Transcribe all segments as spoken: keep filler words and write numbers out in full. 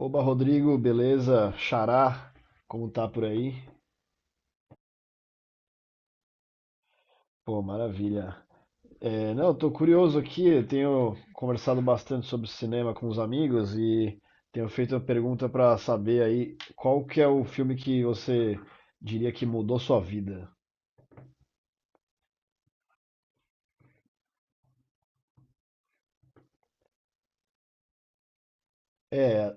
Oba, Rodrigo, beleza? Xará, como tá por aí? Pô, maravilha. É, não, eu tô curioso aqui, eu tenho conversado bastante sobre cinema com os amigos e tenho feito uma pergunta pra saber aí qual que é o filme que você diria que mudou sua vida? É,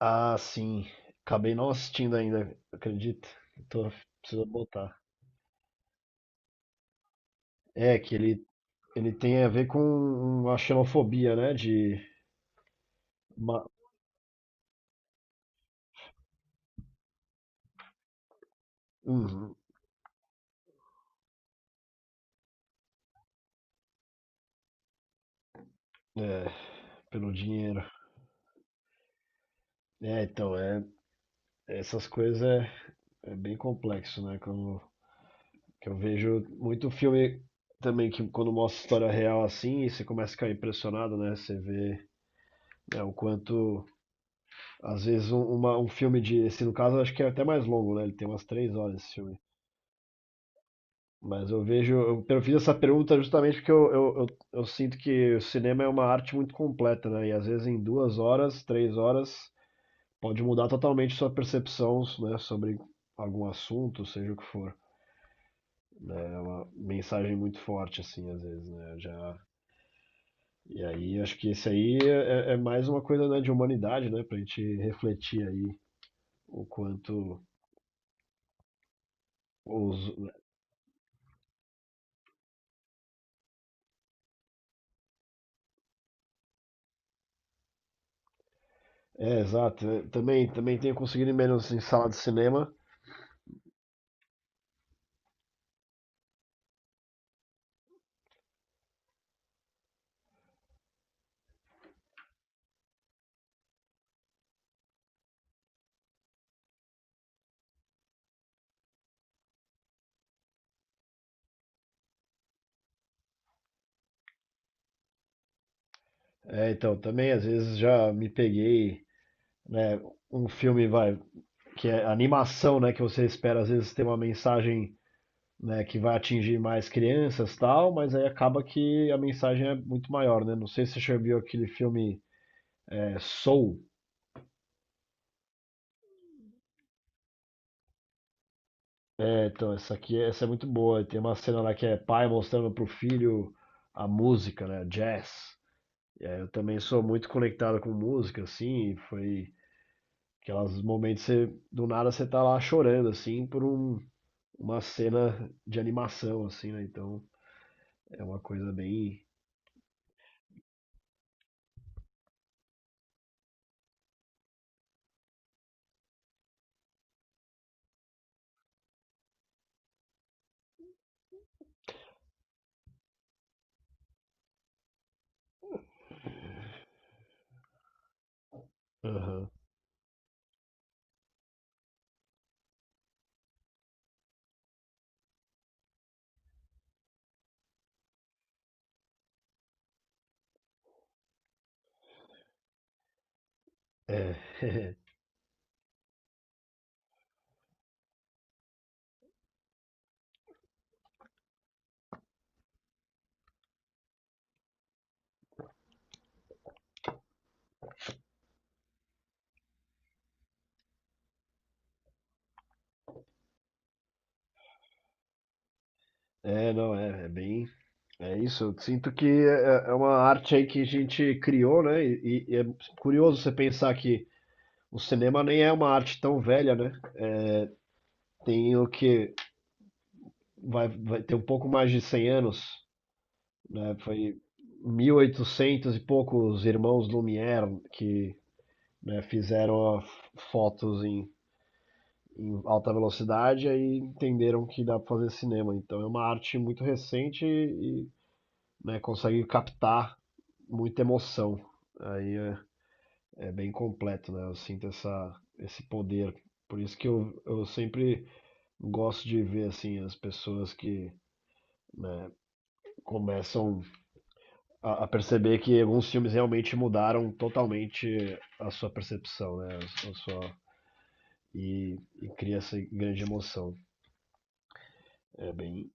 ah, sim, acabei não assistindo ainda, acredita? Tô, preciso botar. É, que ele, ele tem a ver com uma xenofobia, né? De uma, Uhum, é, pelo dinheiro. É, então, é, essas coisas é, é bem complexo, né? Quando, que eu vejo muito filme também que quando mostra história real assim, você começa a ficar impressionado, né? Você vê, né, o quanto, às vezes, um, uma- um filme de, esse no caso, eu acho que é até mais longo, né? Ele tem umas três horas esse filme. Mas eu vejo, eu, eu fiz essa pergunta justamente porque eu, eu, eu, eu sinto que o cinema é uma arte muito completa, né? E às vezes em duas horas, três horas, pode mudar totalmente sua percepção, né? Sobre algum assunto, seja o que for. Uma mensagem muito forte, assim, às vezes, né? Já... E aí, acho que esse aí é, é é mais uma coisa, né, de humanidade, né? Pra gente refletir aí o quanto os... É, exato, né, também, também tenho conseguido ir menos em sala de cinema. É, então, também às vezes já me peguei, né, um filme vai, que é animação, né, que você espera às vezes ter uma mensagem, né, que vai atingir mais crianças, tal, mas aí acaba que a mensagem é muito maior, né? Não sei se você já viu aquele filme. É, Soul. É, então, essa aqui, é, essa é muito boa. Tem uma cena lá que é pai mostrando pro filho a música, né? Jazz. E aí eu também sou muito conectado com música, assim, e foi aqueles momentos que você, do nada você tá lá chorando, assim, por um- uma cena de animação, assim, né? Então é uma coisa bem. Aham. É. É, não, é, é bem. É isso. Eu sinto que é, é uma arte aí que a gente criou, né? E, e é curioso você pensar que o cinema nem é uma arte tão velha, né? Tem o que vai, vai ter um pouco mais de cem anos, né? Foi mil e oitocentos e poucos, irmãos Lumière que, né, fizeram a- fotos em, em alta velocidade e aí entenderam que dá para fazer cinema. Então é uma arte muito recente e, né, consegue captar muita emoção. Aí é, é bem completo, né? Eu sinto essa, esse poder. Por isso que eu, eu sempre gosto de ver assim as pessoas que, né, começam a, a perceber que alguns filmes realmente mudaram totalmente a sua percepção, né? A, a sua, e, e cria essa grande emoção. É bem.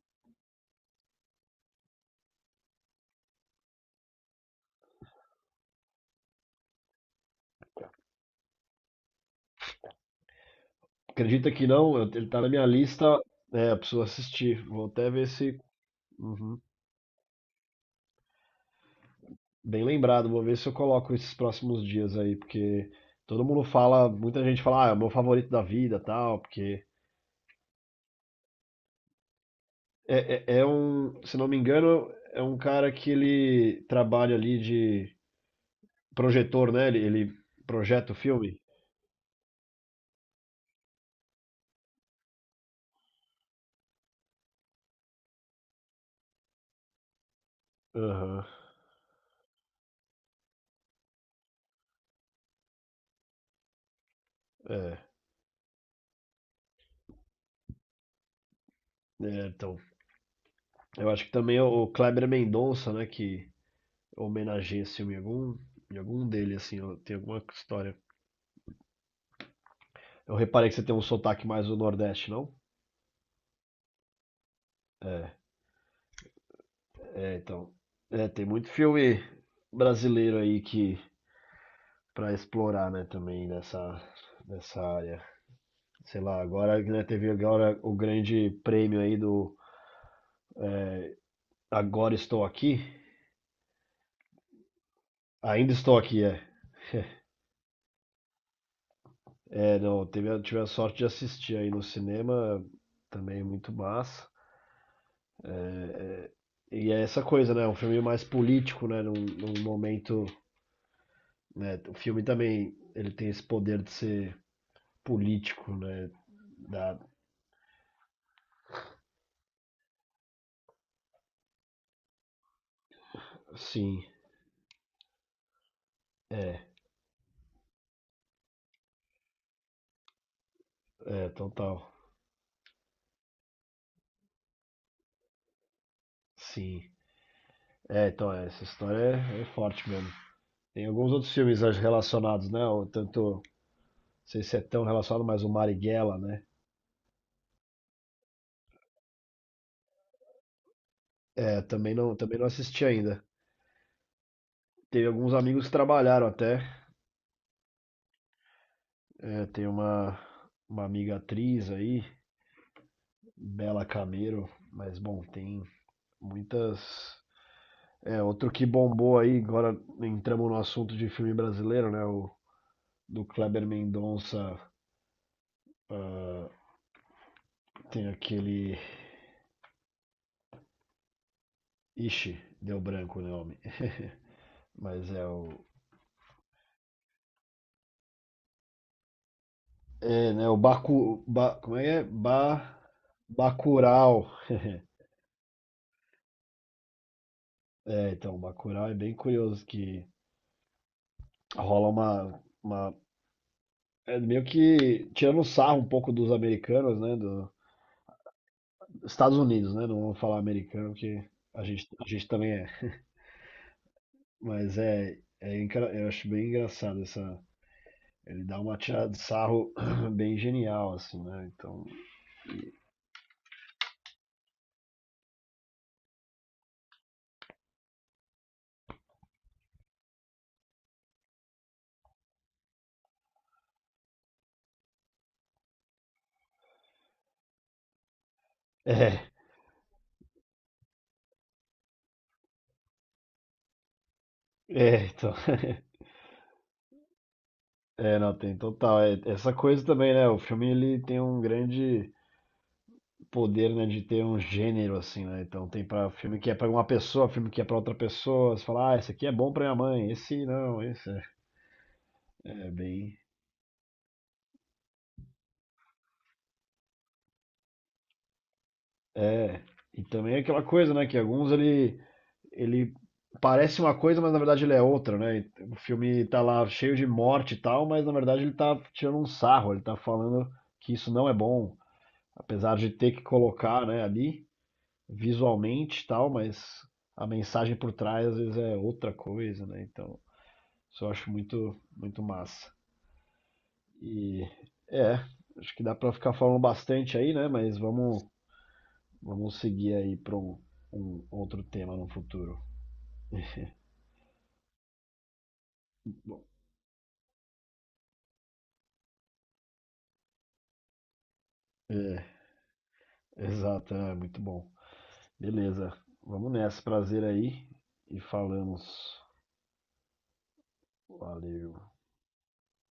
Acredita que não? eu- Ele tá na minha lista. É, eu preciso assistir. Vou até ver se. Uhum. Bem lembrado, vou ver se eu coloco esses próximos dias aí, porque todo mundo fala, muita gente fala, ah, é o meu favorito da vida, tal, porque É, é, é um, se não me engano, é um cara que ele trabalha ali de projetor, né? Ele, ele projeta o filme. Aham, é. É, então, eu acho que também o Kleber Mendonça, né? Que homenageia esse filme em algum, em algum dele, assim, ó, tem alguma história. Eu reparei que você tem um sotaque mais do Nordeste, não? É, é, então. É, tem muito filme brasileiro aí que para explorar, né, também nessa nessa área. Sei lá, agora, né, teve agora o grande prêmio aí do, é, Agora Estou Aqui. Ainda Estou Aqui, é. É, não, teve, a- tive a sorte de assistir aí no cinema, também muito massa. É, é, E é essa coisa, né? Um filme mais político, né? Num, num momento, né? O filme também, ele tem esse poder de ser político, né? Da, sim, é, é, total, sim. É, então, é, essa história é, é forte mesmo. Tem alguns outros filmes relacionados, né? O Tanto, não sei se é tão relacionado, mas o Marighella, né? É, também não, também não assisti ainda. Teve alguns amigos que trabalharam até. É, tem uma, uma amiga atriz aí, Bela Camero, mas bom, tem muitas. É, outro que bombou aí, agora entramos no assunto de filme brasileiro, né? O do Kleber Mendonça. Ah, tem aquele. Ixi, deu branco o nome. Mas é o. É, né? O Baku, ba, como é que é? Ba, Bacurau. É, então, Bacurau é bem curioso que rola uma, uma, é meio que tirando sarro um pouco dos americanos, né? Do Estados Unidos, né? Não vou falar americano, porque a gente, a gente também é. Mas é, é engra- eu acho bem engraçado essa. Ele dá uma tirada de sarro bem genial, assim, né? Então. É, é, então. É, não, tem total. É, essa coisa também, né? O filme ele tem um grande poder, né, de ter um gênero assim, né? Então tem para filme que é para uma pessoa, filme que é para outra pessoa. Você fala, ah, esse aqui é bom para minha mãe, esse não, esse é, é bem. É. E também é aquela coisa, né, que alguns ele ele parece uma coisa, mas na verdade ele é outra, né? E o filme tá lá cheio de morte e tal, mas na verdade ele tá tirando um sarro, ele tá falando que isso não é bom, apesar de ter que colocar, né, ali. Visualmente e tal, mas a mensagem por trás às vezes é outra coisa, né? Então, isso eu acho muito, muito massa. E é, acho que dá pra ficar falando bastante aí, né? Mas vamos, vamos seguir aí pra um, um outro tema no futuro. Exato, é muito bom. Beleza, vamos nessa, prazer aí e falamos. Valeu.